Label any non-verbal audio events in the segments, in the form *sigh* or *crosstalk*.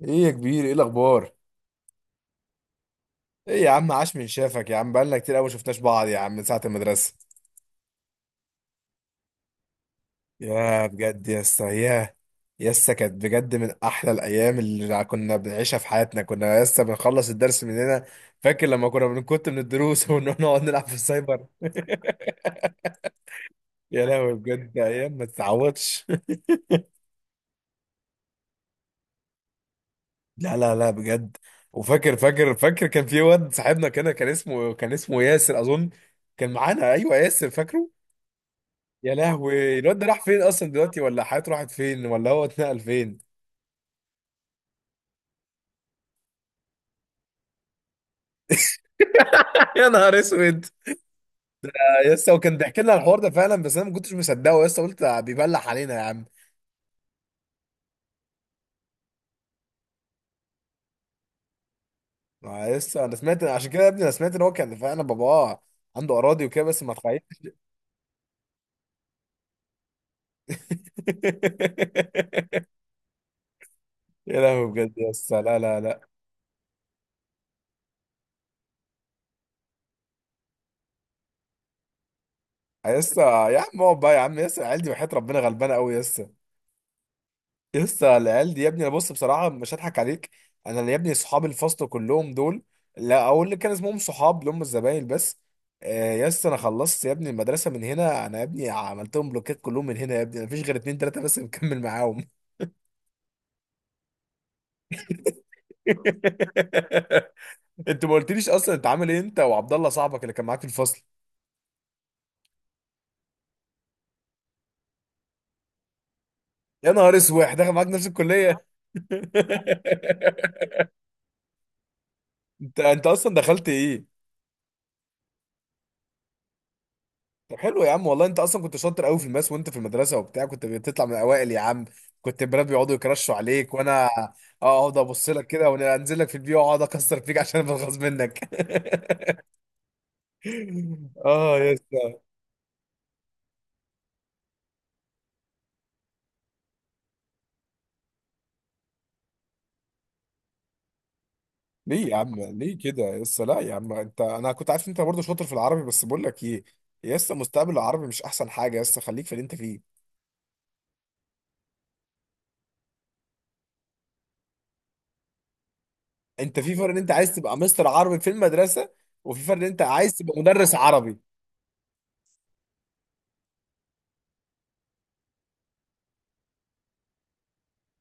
ايه يا كبير، ايه الاخبار؟ ايه يا عم، عاش من شافك يا عم، بقالنا كتير قوي ما شفناش بعض يا عم من ساعه المدرسه. يا بجد يا اسطى يا اسطى كانت بجد من احلى الايام اللي كنا بنعيشها في حياتنا. كنا يا اسطى بنخلص الدرس من هنا. فاكر لما كنا بنكت من الدروس *laughs* ونروح نقعد نلعب في السايبر. يا لهوي بجد، ايام ما تتعوضش. *laughs* لا لا لا بجد. وفاكر فاكر فاكر كان في واد صاحبنا كده، كان اسمه ياسر اظن. كان معانا، ايوه ياسر، فاكره. يا لهوي، الواد ده راح فين اصلا دلوقتي؟ ولا حياته راحت فين؟ ولا هو اتنقل فين؟ *laughs* يا نهار اسود. يا اسطى، وكان بيحكي لنا الحوار ده فعلا، بس انا ما كنتش مصدقه يا اسطى، قلت بيبلح علينا يا عم. ما يا اسطى انا سمعت، عشان كده يا ابني انا سمعت ان هو كان فعلا باباه عنده اراضي وكده، بس ما تخيل. *laughs* يا لهوي بجد يا اسطى، لا لا لا. يا اسطى يا عم اقعد بقى يا عم يا اسطى، العيال دي وحياة ربنا غلبانه قوي يا اسطى. لسه العيال دي يا ابني، انا بص بصراحه مش هضحك عليك. انا اللي يا ابني صحاب الفصل كلهم دول، لا اقول اللي كان اسمهم صحاب، اللي هم الزمايل بس. آه يا اسطى، انا خلصت يا ابني المدرسه من هنا. انا يا ابني عملتهم بلوكات كلهم من هنا يا ابني، مفيش غير اتنين تلاته بس مكمل معاهم. *laughs* انت ما قلتليش اصلا انت عامل ايه انت وعبد الله صاحبك اللي كان معاك في الفصل؟ يا نهار اسود داخل معاك نفس الكليه. *laughs* انت اصلا دخلت ايه؟ طب حلو يا عم، والله انت اصلا كنت شاطر قوي في الماس وانت في المدرسه وبتاع، كنت بتطلع من الاوائل يا عم. كنت البنات بيقعدوا يكرشوا عليك، وانا اقعد ابص لك كده وانزل لك في البيئه واقعد اكسر فيك عشان بنغص منك. *laughs* اه يا اسطى. ليه يا عم؟ ليه كده يا اسطى؟ لا يا عم، انت انا كنت عارف انت برضه شاطر في العربي، بس بقول لك ايه يا اسطى، مستقبل العربي مش احسن حاجه يا اسطى، خليك في اللي انت فيه. انت في فرق ان انت عايز تبقى مستر عربي في المدرسه، وفي فرق ان انت عايز تبقى مدرس عربي.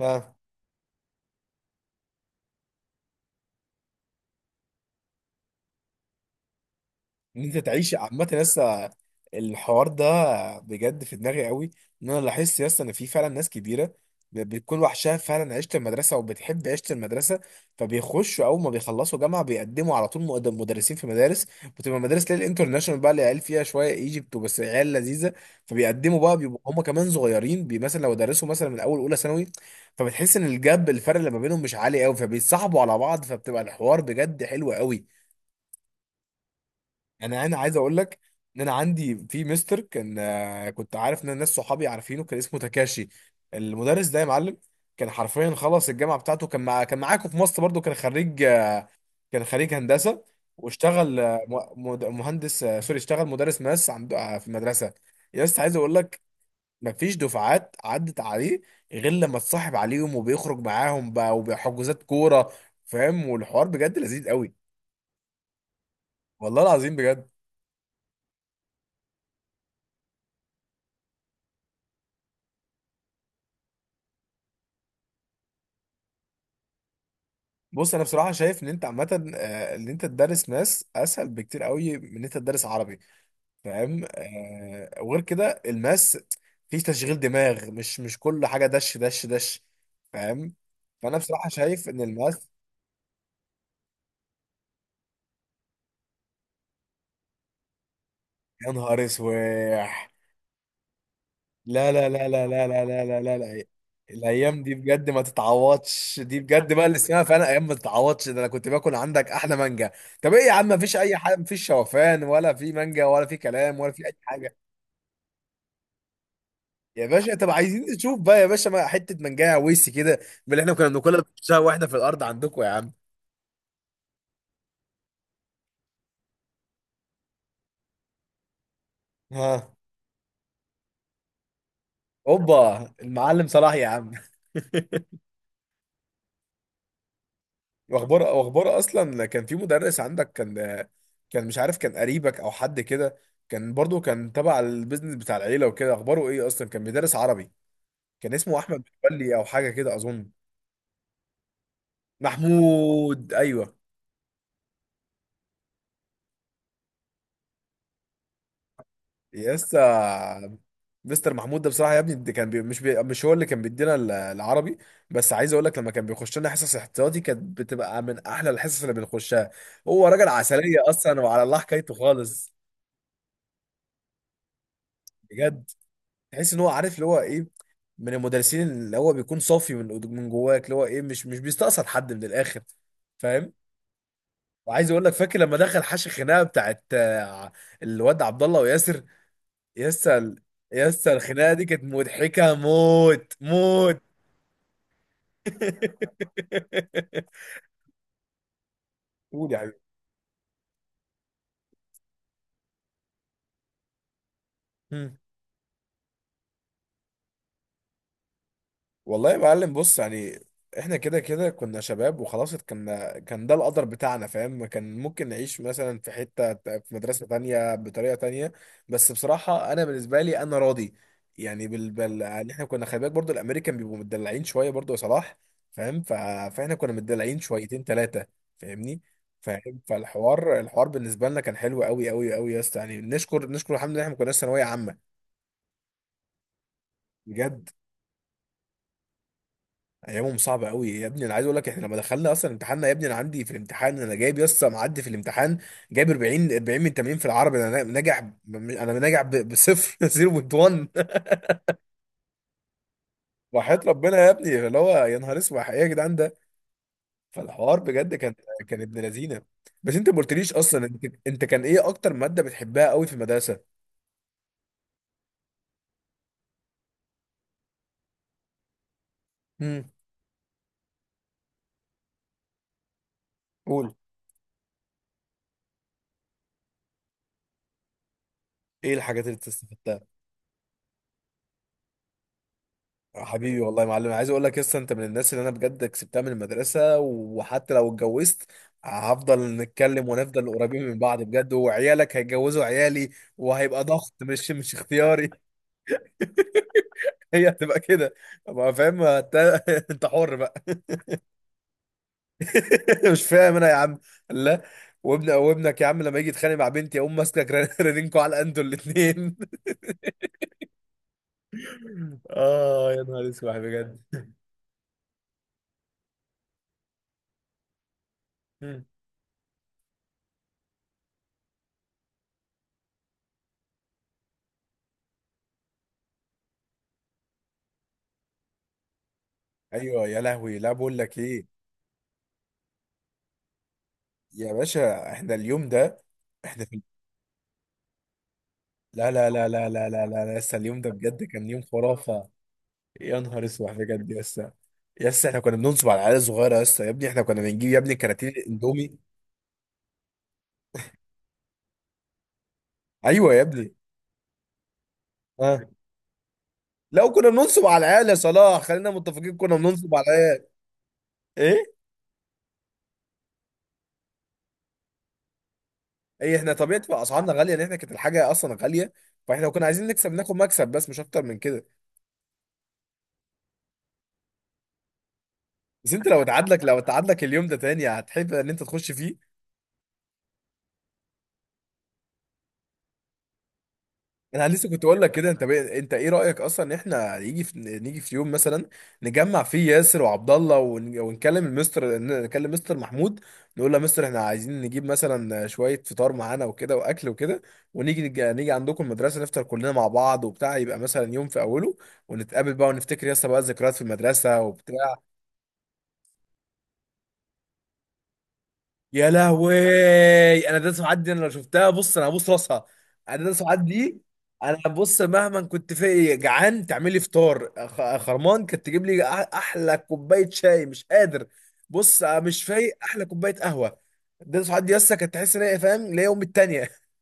ها. ان انت تعيش عامه، لسه الحوار ده بجد في دماغي قوي. ان انا لاحظت لسه ان في فعلا ناس كبيره بتكون وحشها فعلا عيشه المدرسه وبتحب عيشه المدرسه، فبيخشوا اول ما بيخلصوا جامعه بيقدموا على طول مدرسين في مدارس. بتبقى مدارس ليل انترناشونال بقى اللي عيال فيها شويه ايجيبت وبس، عيال لذيذه. فبيقدموا بقى، بيبقوا هم كمان صغيرين مثلا لو درسوا مثلا من اول اولى ثانوي. فبتحس ان الجاب الفرق اللي ما بينهم مش عالي قوي، فبيتصاحبوا على بعض، فبتبقى الحوار بجد حلو قوي. انا عايز اقول لك ان انا عندي في مستر كان، كنت عارف ان الناس صحابي عارفينه، كان اسمه تاكاشي. المدرس ده يا معلم كان حرفيا خلص الجامعه بتاعته، كان معاكم في مصر برضو، كان خريج، كان خريج هندسه. واشتغل مهندس، سوري، اشتغل مدرس ماس عند، في المدرسه. يا اسطى عايز اقول لك، مفيش دفعات عدت عليه غير لما اتصاحب عليهم وبيخرج معاهم بقى وبحجوزات كوره. فاهم؟ والحوار بجد لذيذ قوي، والله العظيم بجد. بص انا بصراحه شايف ان انت عامه، ان انت تدرس ماس اسهل بكتير قوي من ان انت تدرس عربي. فاهم، وغير كده الماس فيه تشغيل دماغ، مش كل حاجه دش دش دش. فاهم؟ فانا بصراحه شايف ان الماس. يا نهار اسواح. لا لا لا لا لا لا لا لا لا لا. الايام دي بجد ما تتعوضش، دي بجد بقى اللي اسمها فعلا ايام ما تتعوضش. ده انا كنت باكل عندك احلى مانجا. طب ايه يا عم؟ مفيش اي حاجه؟ مفيش شوفان ولا في مانجا ولا في كلام ولا في اي حاجه؟ يا باشا طب عايزين نشوف بقى يا باشا ما حته منجاية ويس كده من اللي احنا كنا بناكلها بنشوفها واحنا في الارض عندكم يا عم. ها. اوبا المعلم صلاح يا عم. واخبار اصلا، كان في مدرس عندك، كان مش عارف كان قريبك او حد كده، كان برضو كان تبع البيزنس بتاع العيله وكده، اخباره ايه؟ اصلا كان بيدرس عربي، كان اسمه احمد متولي او حاجه كده اظن. محمود، ايوه. يسا. مستر محمود ده بصراحه يا ابني، ده كان بي مش بي مش هو اللي كان بيدينا العربي، بس عايز اقول لك لما كان بيخش لنا حصص احتياطي كانت بتبقى من احلى الحصص اللي بنخشها. هو راجل عسليه اصلا وعلى الله حكايته خالص. بجد، تحس ان هو عارف اللي هو ايه. من المدرسين اللي هو بيكون صافي من من جواك، اللي هو ايه، مش بيستقصد حد من الاخر. فاهم؟ وعايز اقول لك فاكر لما دخل حاشي خناقه بتاعت الواد عبد الله وياسر؟ يسا ال- يسا الخناقه دي كانت مضحكه موت موت. *laughs* قول يا حبيبي. *laughs* والله يا معلم، بص يعني احنا كده كده كنا شباب وخلاص، كنا كان ده القدر بتاعنا فاهم. كان ممكن نعيش مثلا في حتة في مدرسة تانية بطريقة تانية، بس بصراحة انا بالنسبة لي انا راضي. يعني بال يعني احنا كنا خلي بالك برضو الامريكان بيبقوا متدلعين شوية برضو يا صلاح. فاهم؟ فاحنا كنا متدلعين شويتين ثلاثة. فاهمني. فاهم؟ فالحوار بالنسبة لنا كان حلو قوي قوي قوي يا اسطى. يعني نشكر الحمد لله احنا ما كناش ثانوية عامة. بجد ايامهم صعبه قوي يا ابني. انا عايز اقول لك، احنا لما دخلنا اصلا امتحاننا يا ابني، انا عندي في الامتحان انا جايب يسطا معدي في الامتحان، جايب 40 40 من 80 في العربي. انا ناجح انا ناجح بصفر. *laughs* 0.1. *laughs* وحياة ربنا يا ابني اللي هو، يا نهار اسود، ايه يا جدعان ده؟ فالحوار بجد كان، كان ابن لذينه. بس انت ما قلتليش اصلا انت، كان ايه اكتر ماده بتحبها قوي في المدرسه؟ امم قول، ايه الحاجات اللي استفدتها؟ حبيبي والله يا معلم، عايز اقول لك لسه انت من الناس اللي انا بجد كسبتها من المدرسه، وحتى لو اتجوزت هفضل نتكلم ونفضل قريبين من بعض بجد، وعيالك هيتجوزوا عيالي، وهيبقى ضغط مش اختياري. *laughs* هي هتبقى كده، ما فاهم انت. *laughs* انت حر بقى. *laughs* مش فاهم انا يا عم. لا، وابنك يا عم لما يجي يتخانق مع بنتي اقوم ماسكك *laughs* رنينكو على انتوا الاثنين. *laughs* اه يا نهار اسود بجد. مم. ايوه يا لهوي، لا بقول لك ايه. يا باشا احنا اليوم ده، احنا في، لا لا لا لا لا لا لا لا، لسه اليوم ده بجد كان يوم خرافة. يا نهار اسود بجد لسه، لسه احنا كنا بننصب على العيال الصغيرة، لسه يا ابني احنا كنا بنجيب يا ابني كراتين الاندومي. ايوه يا ابني، اه. لو كنا بننصب على العيال يا صلاح خلينا متفقين، كنا بننصب على العيال. ايه؟ ايه؟ احنا طبيعة بقى اسعارنا غالية، ان احنا كانت الحاجة اصلا غالية، فاحنا لو كنا عايزين نكسب ناخد مكسب بس مش اكتر من كده. بس انت لو اتعادلك، لو اتعادلك اليوم ده تاني، هتحب ان انت تخش فيه؟ انا لسه كنت اقول لك كده، انت ايه رايك اصلا ان احنا نيجي في يوم مثلا نجمع فيه ياسر وعبد الله ونكلم المستر، نكلم مستر محمود، نقول له يا مستر احنا عايزين نجيب مثلا شويه فطار معانا وكده واكل وكده، ونيجي نيجي عندكم المدرسه نفطر كلنا مع بعض وبتاع، يبقى مثلا يوم في اوله، ونتقابل بقى ونفتكر ياسر بقى الذكريات في المدرسه وبتاع. يا لهوي. انا ده سعاد دي انا لو شفتها، بص انا هبوس راسها. انا ده سعاد دي. انا بص مهما كنت في جعان تعمل لي فطار خرمان، كانت تجيب لي احلى كوبايه شاي مش قادر، بص مش فايق، احلى كوبايه قهوه. ده سعاد دي لسه، كانت تحس ان هي فاهم اللي هي امي التانيه. *laughs*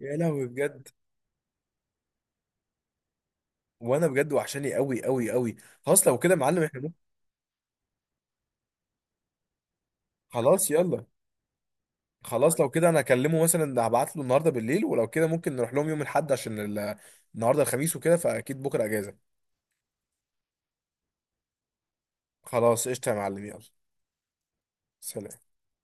يا لهوي بجد، وانا بجد وحشاني قوي قوي قوي. خلاص لو كده يا معلم احنا ممكن- خلاص يلا. خلاص لو كده انا اكلمه مثلا، هبعت له النهارده بالليل، ولو كده ممكن نروح لهم يوم الاحد عشان النهارده الخميس وكده فاكيد بكره اجازه. خلاص قشطه يا معلم، يلا. سلام.